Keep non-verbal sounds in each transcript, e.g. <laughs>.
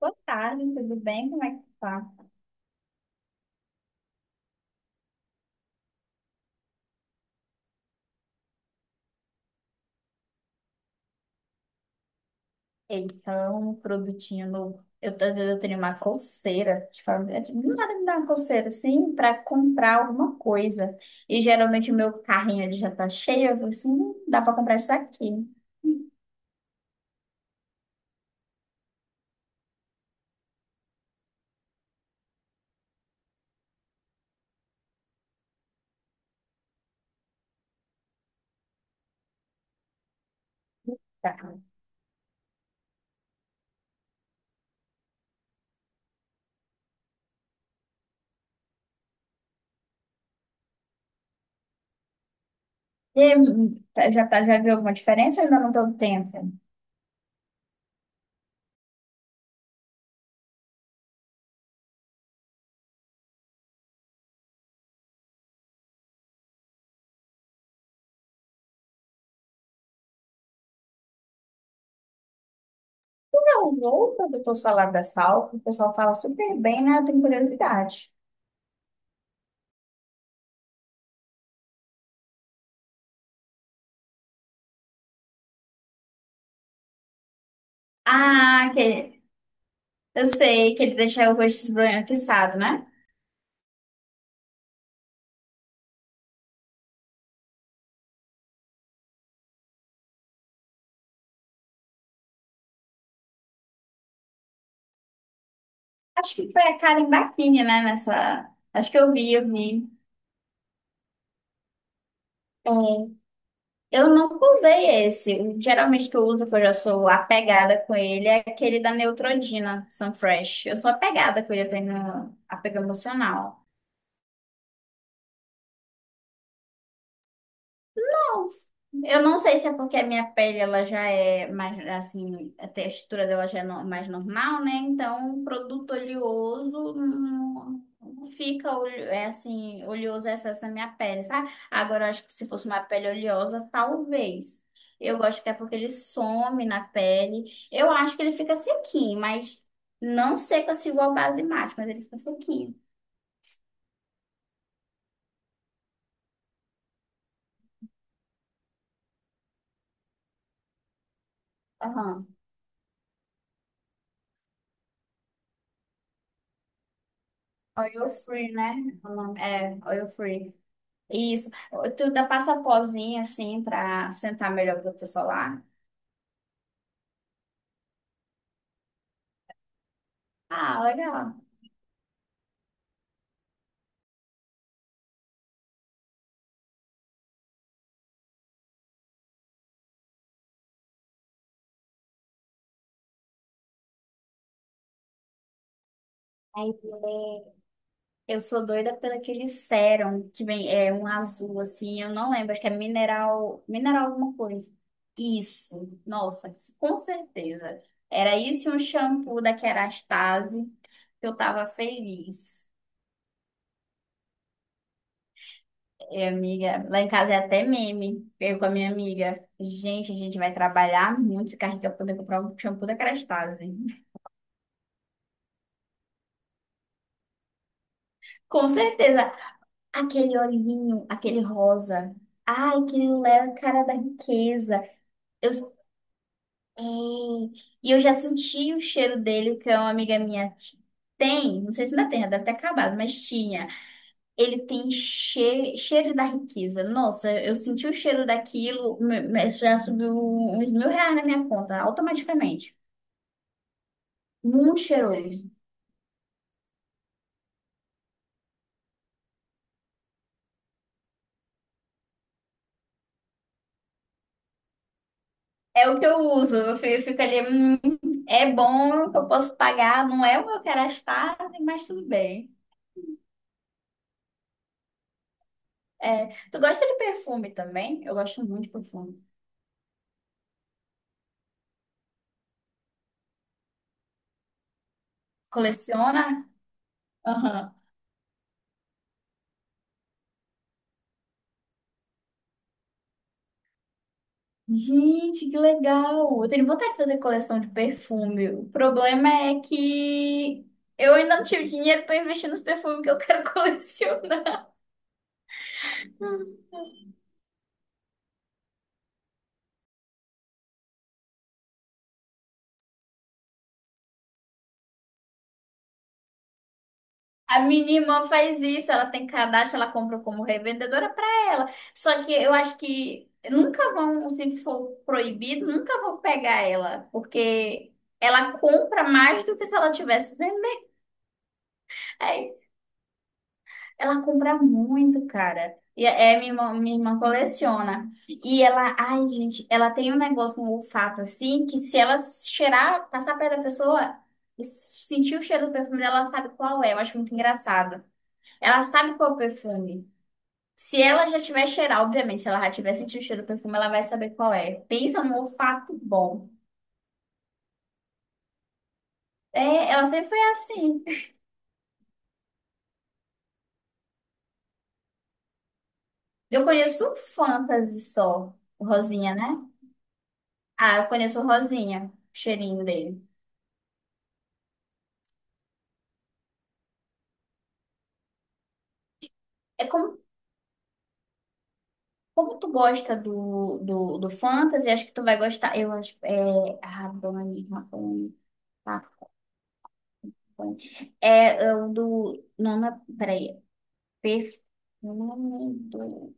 Boa tarde, tudo bem? Como é que tá? Então, um produtinho novo. Eu, às vezes eu tenho uma coceira, de fazer, do nada me dá uma coceira assim para comprar alguma coisa. E geralmente o meu carrinho ele já tá cheio, eu falo assim, dá para comprar isso aqui. Hum, Tá. E aí, já, tá, já viu alguma diferença? Ou ainda não deu tempo. Não, vou para o doutor Salada Salvo, o pessoal fala super bem, né? Eu tenho curiosidade. Ah, que eu sei que ele deixa o rosto esbranquiçado, né? Acho que foi a Karen Bachini, né? Nessa. Acho que eu vi, eu vi. É. Eu nunca usei esse. Geralmente o que eu uso, que eu já sou apegada com ele, é aquele da Neutrodina Sunfresh. Eu sou apegada com ele, eu tenho apego emocional. Eu não sei se é porque a minha pele ela já é mais assim, a textura dela já é mais normal, né? Então, produto oleoso não fica é assim, oleoso é excesso na minha pele, sabe? Agora, eu acho que se fosse uma pele oleosa, talvez. Eu gosto que é porque ele some na pele. Eu acho que ele fica sequinho, mas não seca se igual base mate, mas ele fica sequinho. Aham. Oil free, né? É, oil free. Isso. Tu dá passa a pozinha assim pra sentar melhor pro teu solar. Ah, legal. Aí, é, eu sou doida pelo aquele sérum que vem é um azul assim, eu não lembro, acho que é mineral, mineral alguma coisa. Isso. Nossa, com certeza. Era isso e um shampoo da Kerastase que eu tava feliz. E, amiga, lá em casa é até meme. Eu com a minha amiga, gente, a gente vai trabalhar muito, ficar rica pra poder comprar um shampoo da Kerastase. Com certeza. Aquele olhinho, aquele rosa. Ai, aquilo é a cara da riqueza. Eu, e, e eu já senti o cheiro dele, que é uma amiga minha tem. Não sei se ainda tem, já deve ter acabado, mas tinha. Ele tem cheiro da riqueza. Nossa, eu senti o cheiro daquilo, já subiu uns 1.000 reais na minha conta, automaticamente. Muito cheiroso. É o que eu uso. Eu fico ali, é bom que eu posso pagar, não é o que eu quero gastar, mas tudo bem. É, tu gosta de perfume também? Eu gosto muito de perfume. Coleciona? Aham. Gente, que legal! Eu tenho vontade de fazer coleção de perfume. O problema é que eu ainda não tive dinheiro para investir nos perfumes que eu quero <laughs> colecionar. A minha irmã faz isso, ela tem cadastro, ela compra como revendedora para ela. Só que eu acho que nunca vão, se for proibido, nunca vão pegar ela, porque ela compra mais do que se ela tivesse vendendo. Aí, ela compra muito, cara. Minha irmã coleciona. E ela, ai, gente, ela tem um negócio, um olfato assim, que se ela cheirar, passar perto da pessoa, sentir o cheiro do perfume dela, ela sabe qual é. Eu acho muito engraçado. Ela sabe qual é o perfume. Se ela já tiver cheirar obviamente, se ela já tiver sentido o cheiro do perfume, ela vai saber qual é. Pensa num olfato bom. É, ela sempre foi assim. Eu conheço o Fantasy só, o Rosinha, né? Ah, eu conheço o Rosinha, o cheirinho dele. É como, como tu gosta do Fantasy, acho que tu vai gostar. Eu acho. É. Rabone, Rabone. É, é o do. Não, não, peraí. Perfume do.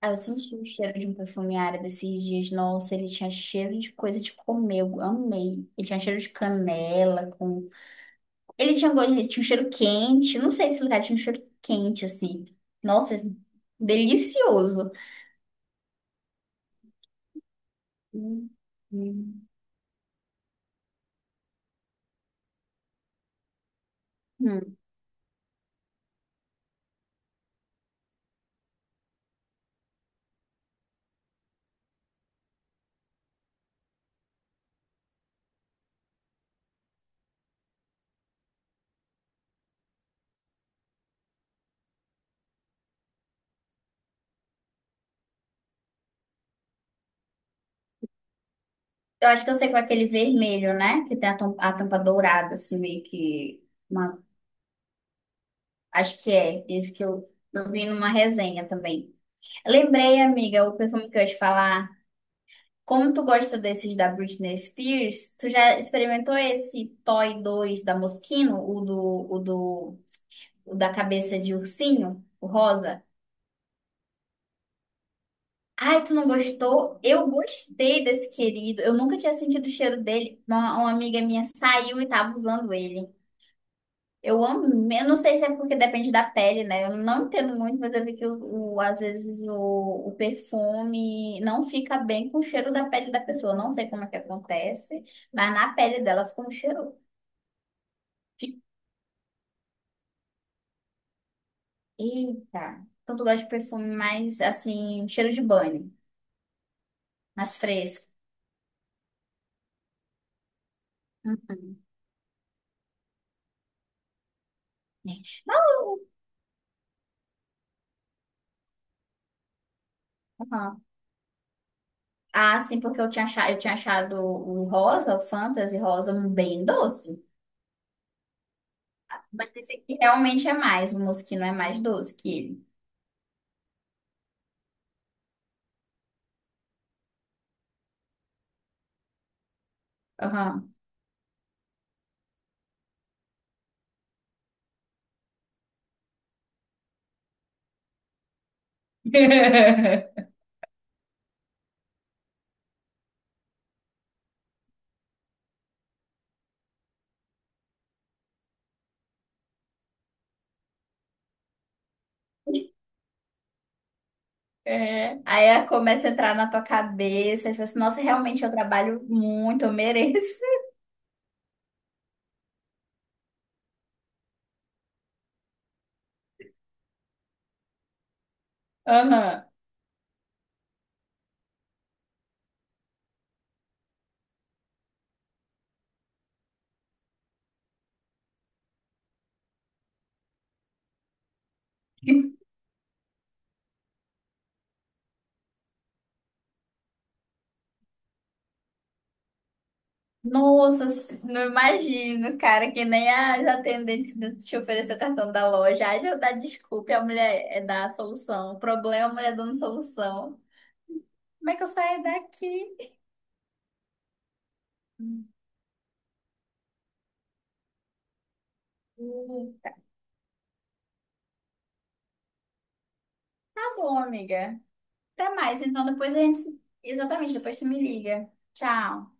Ah, eu senti o cheiro de um perfume árabe esses dias. Nossa, ele tinha cheiro de coisa de comer. Eu amei. Ele tinha cheiro de canela com... Ele tinha, ele tinha um cheiro quente. Não sei explicar, tinha um cheiro quente, assim. Nossa, delicioso. Hum, hum. Hum. Eu acho que eu sei com aquele vermelho, né? Que tem a tampa dourada, assim, meio que. Uma... Acho que é. Esse que eu vi numa resenha também. Lembrei, amiga, o perfume que eu ia te falar. Como tu gosta desses da Britney Spears, tu já experimentou esse Toy 2 da Moschino, o da cabeça de ursinho, o rosa? Ai, tu não gostou? Eu gostei desse querido. Eu nunca tinha sentido o cheiro dele. Uma amiga minha saiu e tava usando ele. Eu amo, eu não sei se é porque depende da pele, né? Eu não entendo muito, mas eu vi que às vezes o perfume não fica bem com o cheiro da pele da pessoa. Não sei como é que acontece, mas na pele dela fica um cheiro. de- Eita! Então tu gosta de perfume mais assim, cheiro de banho, mais fresco. Uhum. É. Não, uhum. Ah, sim, porque eu tinha achado o rosa, o Fantasy rosa, um bem doce. Mas esse aqui realmente é mais, o musquinho é mais doce que ele. <laughs> É. Aí ela começa a entrar na tua cabeça e fala assim, nossa, realmente eu trabalho muito, eu mereço. <laughs> Aham. Nossa, não imagino, cara, que nem as atendentes te oferecer o cartão da loja. Ai, já dá desculpa, a mulher é da solução. O problema, é a mulher dando solução. Como é que eu saio daqui? Hum, Tá bom, amiga. Até mais. Então depois a gente. Exatamente, depois tu me liga. Tchau.